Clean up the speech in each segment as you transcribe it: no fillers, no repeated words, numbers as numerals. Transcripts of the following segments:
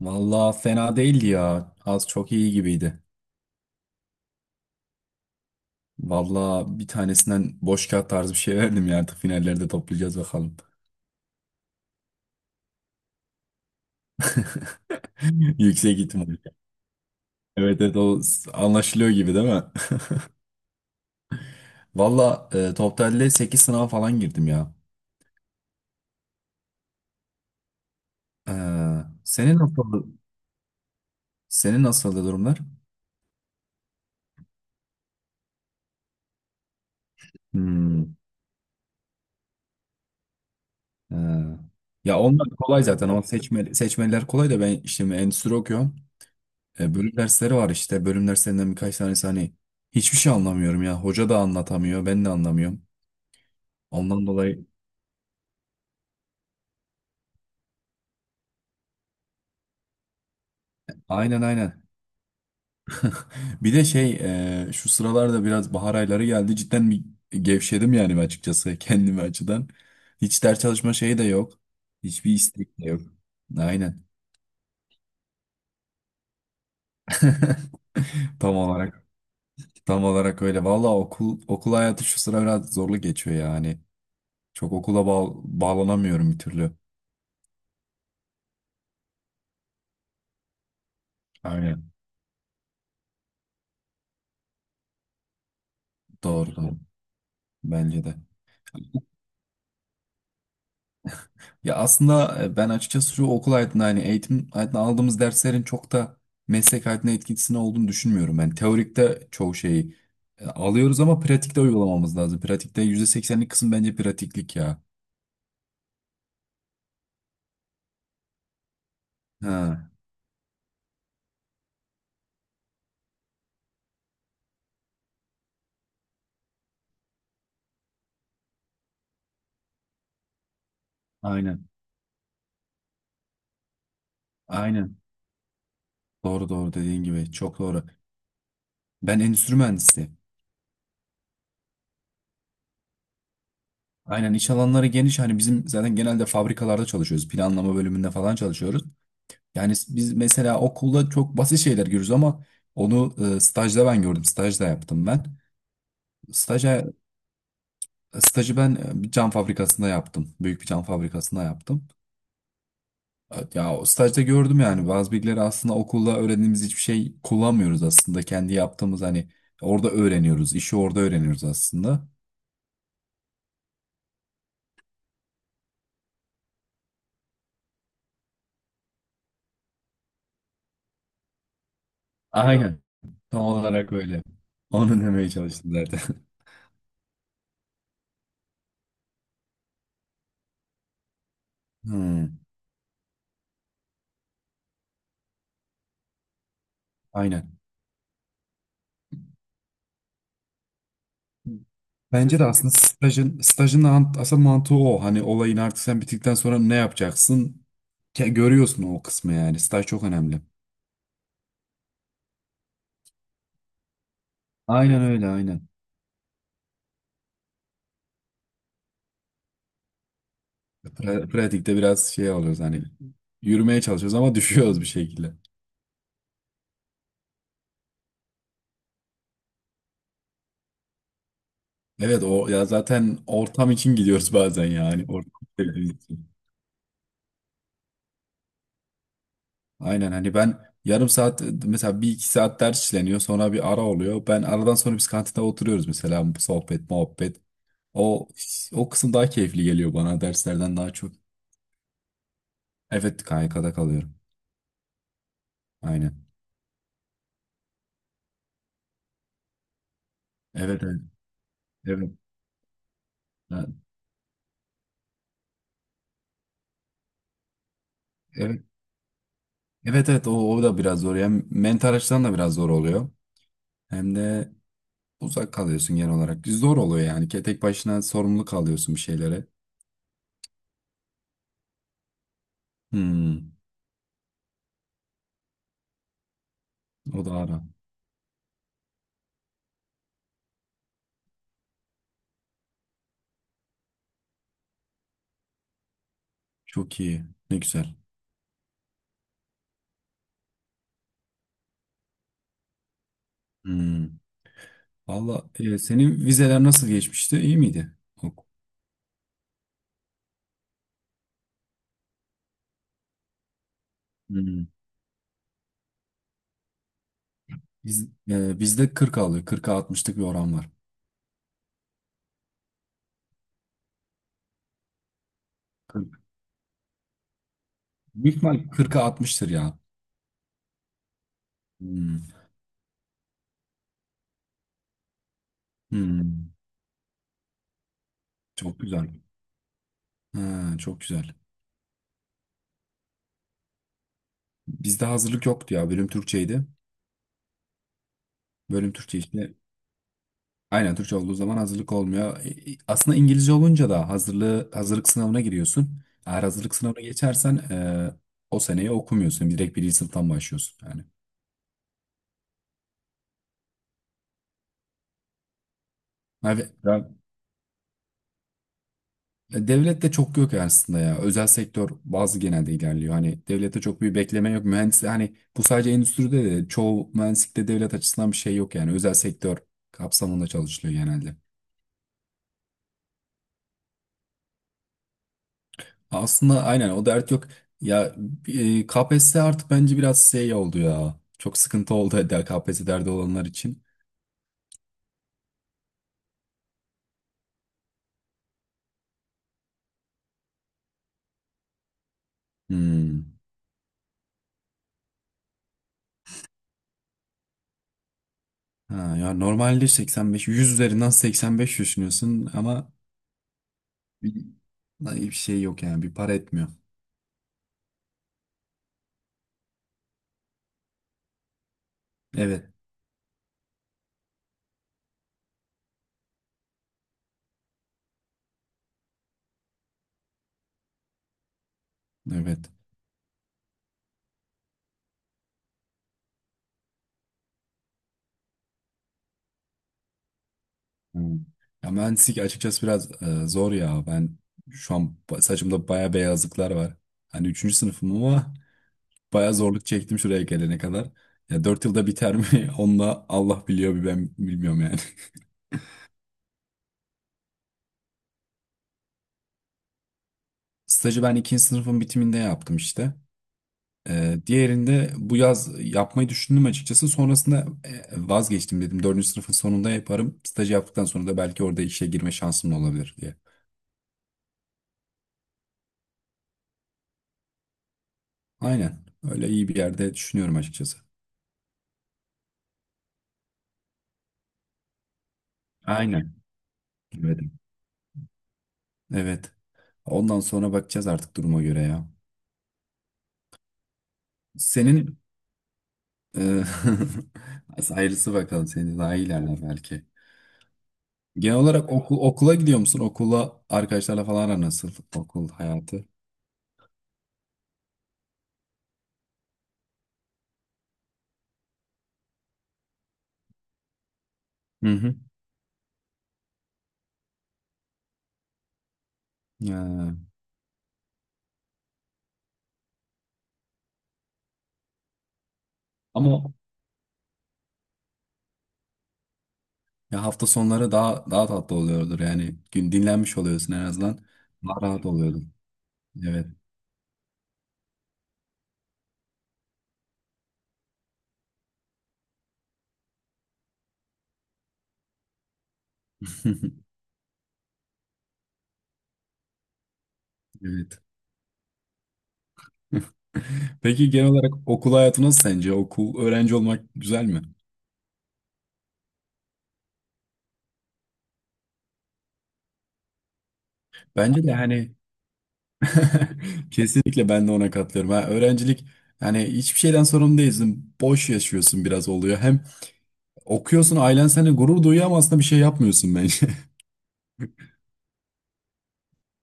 Valla fena değildi ya. Az çok iyi gibiydi. Valla bir tanesinden boş kağıt tarzı bir şey verdim ya. Artık finallerde toplayacağız bakalım. Yüksek ihtimal. Evet evet, anlaşılıyor gibi değil mi? Valla totalde 8 sınava falan girdim ya. Ee, senin nasıl senin nasıldı durumlar? Hmm, ee. Ya onlar kolay zaten. O seçmeliler kolay da ben işte endüstri okuyorum. Bölüm dersleri var işte. Bölüm derslerinden birkaç tanesi hani hiçbir şey anlamıyorum ya. Hoca da anlatamıyor, ben de anlamıyorum. Ondan dolayı aynen aynen. Bir de şey şu sıralarda biraz bahar ayları geldi. Cidden bir gevşedim yani açıkçası kendimi açıdan. Hiç ders çalışma şeyi de yok. Hiçbir istek de yok. Aynen. Tam olarak tam olarak öyle. Valla okul hayatı şu sıra biraz zorlu geçiyor yani. Çok okula bağlanamıyorum bir türlü. Aynen. Doğru doğru. Bence de. Ya aslında ben açıkçası şu okul hayatında hani eğitim hayatında aldığımız derslerin çok da meslek hayatına etkisini olduğunu düşünmüyorum. Ben teorikte çoğu şeyi alıyoruz ama pratikte uygulamamız lazım. Pratikte %80'lik kısım bence pratiklik ya. Ha, aynen. Aynen. Doğru doğru dediğin gibi. Çok doğru. Ben endüstri mühendisi. Aynen iş alanları geniş. Hani bizim zaten genelde fabrikalarda çalışıyoruz. Planlama bölümünde falan çalışıyoruz. Yani biz mesela okulda çok basit şeyler görürüz ama onu stajda ben gördüm. Stajda yaptım ben. Staja, stajı ben bir cam fabrikasında yaptım. Büyük bir cam fabrikasında yaptım. Evet, ya o stajda gördüm yani bazı bilgileri aslında okulda öğrendiğimiz hiçbir şey kullanmıyoruz aslında. Kendi yaptığımız hani orada öğreniyoruz. İşi orada öğreniyoruz aslında. Aynen. Tam olarak öyle. Onu demeye çalıştım zaten. Hmm, aynen. Bence de aslında stajın asıl mantığı o. Hani olayın artık sen bittikten sonra ne yapacaksın? Görüyorsun o kısmı yani. Staj çok önemli. Aynen öyle aynen. Pratikte biraz şey oluyoruz hani yürümeye çalışıyoruz ama düşüyoruz bir şekilde. Evet o ya zaten ortam için gidiyoruz bazen yani. Ortam sevdiğimiz için. Aynen hani ben yarım saat mesela bir iki saat ders işleniyor sonra bir ara oluyor. Ben aradan sonra biz kantinde oturuyoruz mesela sohbet muhabbet. O o kısım daha keyifli geliyor bana derslerden daha çok. Evet, KYK'da kalıyorum. Aynen. Evet evet. Evet. Ha, evet evet, evet, o da biraz zor. Hem mental açıdan da biraz zor oluyor. Hem de uzak kalıyorsun genel olarak. Zor oluyor yani. Tek başına sorumlu kalıyorsun bir şeylere. Hmm, o da ara. Çok iyi. Ne güzel. Hmm. Valla senin vizeler nasıl geçmişti? İyi miydi? Yok. Hmm. Bizde 40 alıyor. 40'a 60'lık bir oran var. 40. Büyük ihtimal 40'a 60'tır ya. Hmm. Hmm. Çok güzel. Ha, çok güzel. Bizde hazırlık yoktu ya. Bölüm Türkçeydi. Bölüm Türkçe işte. Aynen Türkçe olduğu zaman hazırlık olmuyor. Aslında İngilizce olunca da hazırlık sınavına giriyorsun. Eğer hazırlık sınavına geçersen o seneyi okumuyorsun. Direkt birinci sınıftan başlıyorsun yani. Abi, ya, devlette çok yok aslında ya. Özel sektör bazı genelde ilerliyor. Hani devlette çok bir bekleme yok. Mühendis hani bu sadece endüstride de çoğu mühendislikte devlet açısından bir şey yok yani. Özel sektör kapsamında çalışılıyor genelde. Aslında aynen o dert yok. Ya KPSS artık bence biraz şey oldu ya. Çok sıkıntı oldu der KPSS derdi olanlar için. Hmm. Ha, ya normalde 85 100 üzerinden 85 düşünüyorsun ama bir, bir şey yok yani bir para etmiyor. Evet. Evet. Hmm. Ya mühendislik açıkçası biraz zor ya. Ben şu an saçımda baya beyazlıklar var. Hani 3. sınıfım ama bayağı zorluk çektim şuraya gelene kadar. Ya 4 yılda biter mi? Onu da Allah biliyor bir ben bilmiyorum yani. Stajı ben ikinci sınıfın bitiminde yaptım işte. Diğerinde bu yaz yapmayı düşündüm açıkçası. Sonrasında vazgeçtim dedim. Dördüncü sınıfın sonunda yaparım. Stajı yaptıktan sonra da belki orada işe girme şansım da olabilir diye. Aynen. Öyle iyi bir yerde düşünüyorum açıkçası. Aynen. Evet. Evet. Ondan sonra bakacağız artık duruma göre ya. Senin Ee, Ayrısı bakalım seni daha iyilerler belki. Genel olarak okula gidiyor musun? Okula arkadaşlarla falan aran nasıl? Okul hayatı. Hı hı. Ya. Ama ya hafta sonları daha tatlı oluyordur yani. Gün dinlenmiş oluyorsun en azından. Daha rahat oluyordur. Evet. Evet. Peki genel olarak okul hayatı nasıl sence? Okul öğrenci olmak güzel mi? Bence de hani. Kesinlikle ben de ona katılıyorum. Ha, öğrencilik yani hiçbir şeyden sorumlu değilsin. Boş yaşıyorsun biraz oluyor. Hem okuyorsun ailen seni gurur duyuyor ama aslında bir şey yapmıyorsun bence.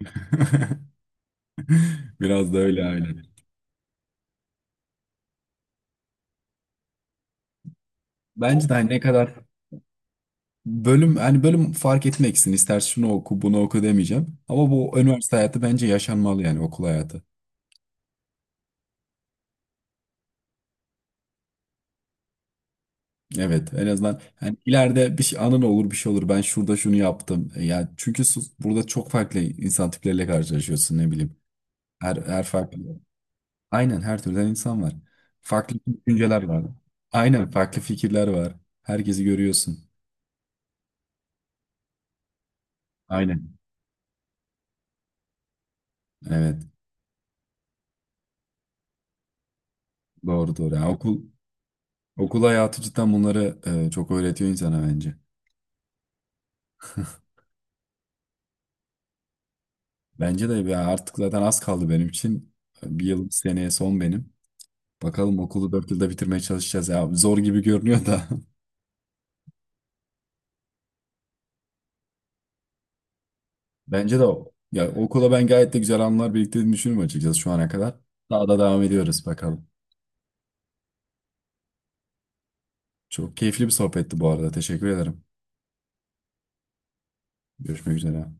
Biraz da öyle aynen. Bence de hani ne kadar bölüm hani bölüm fark etmeksin. İster şunu oku bunu oku demeyeceğim. Ama bu üniversite hayatı bence yaşanmalı yani okul hayatı. Evet, en azından hani ileride bir şey, anın olur bir şey olur. Ben şurada şunu yaptım. Ya çünkü burada çok farklı insan tipleriyle karşılaşıyorsun ne bileyim. Her farklı. Aynen her türden insan var. Farklı düşünceler var. Aynen farklı fikirler var. Herkesi görüyorsun. Aynen. Evet. Doğru doğru. Yani okul hayatı cidden bunları çok öğretiyor insana bence. Bence de ya artık zaten az kaldı benim için. Bir yıl seneye son benim. Bakalım okulu 4 yılda bitirmeye çalışacağız ya. Zor gibi görünüyor da. Bence de o. Ya okula ben gayet de güzel anılar biriktirdiğini düşünüyorum açıkçası şu ana kadar. Daha da devam ediyoruz bakalım. Çok keyifli bir sohbetti bu arada. Teşekkür ederim. Görüşmek üzere.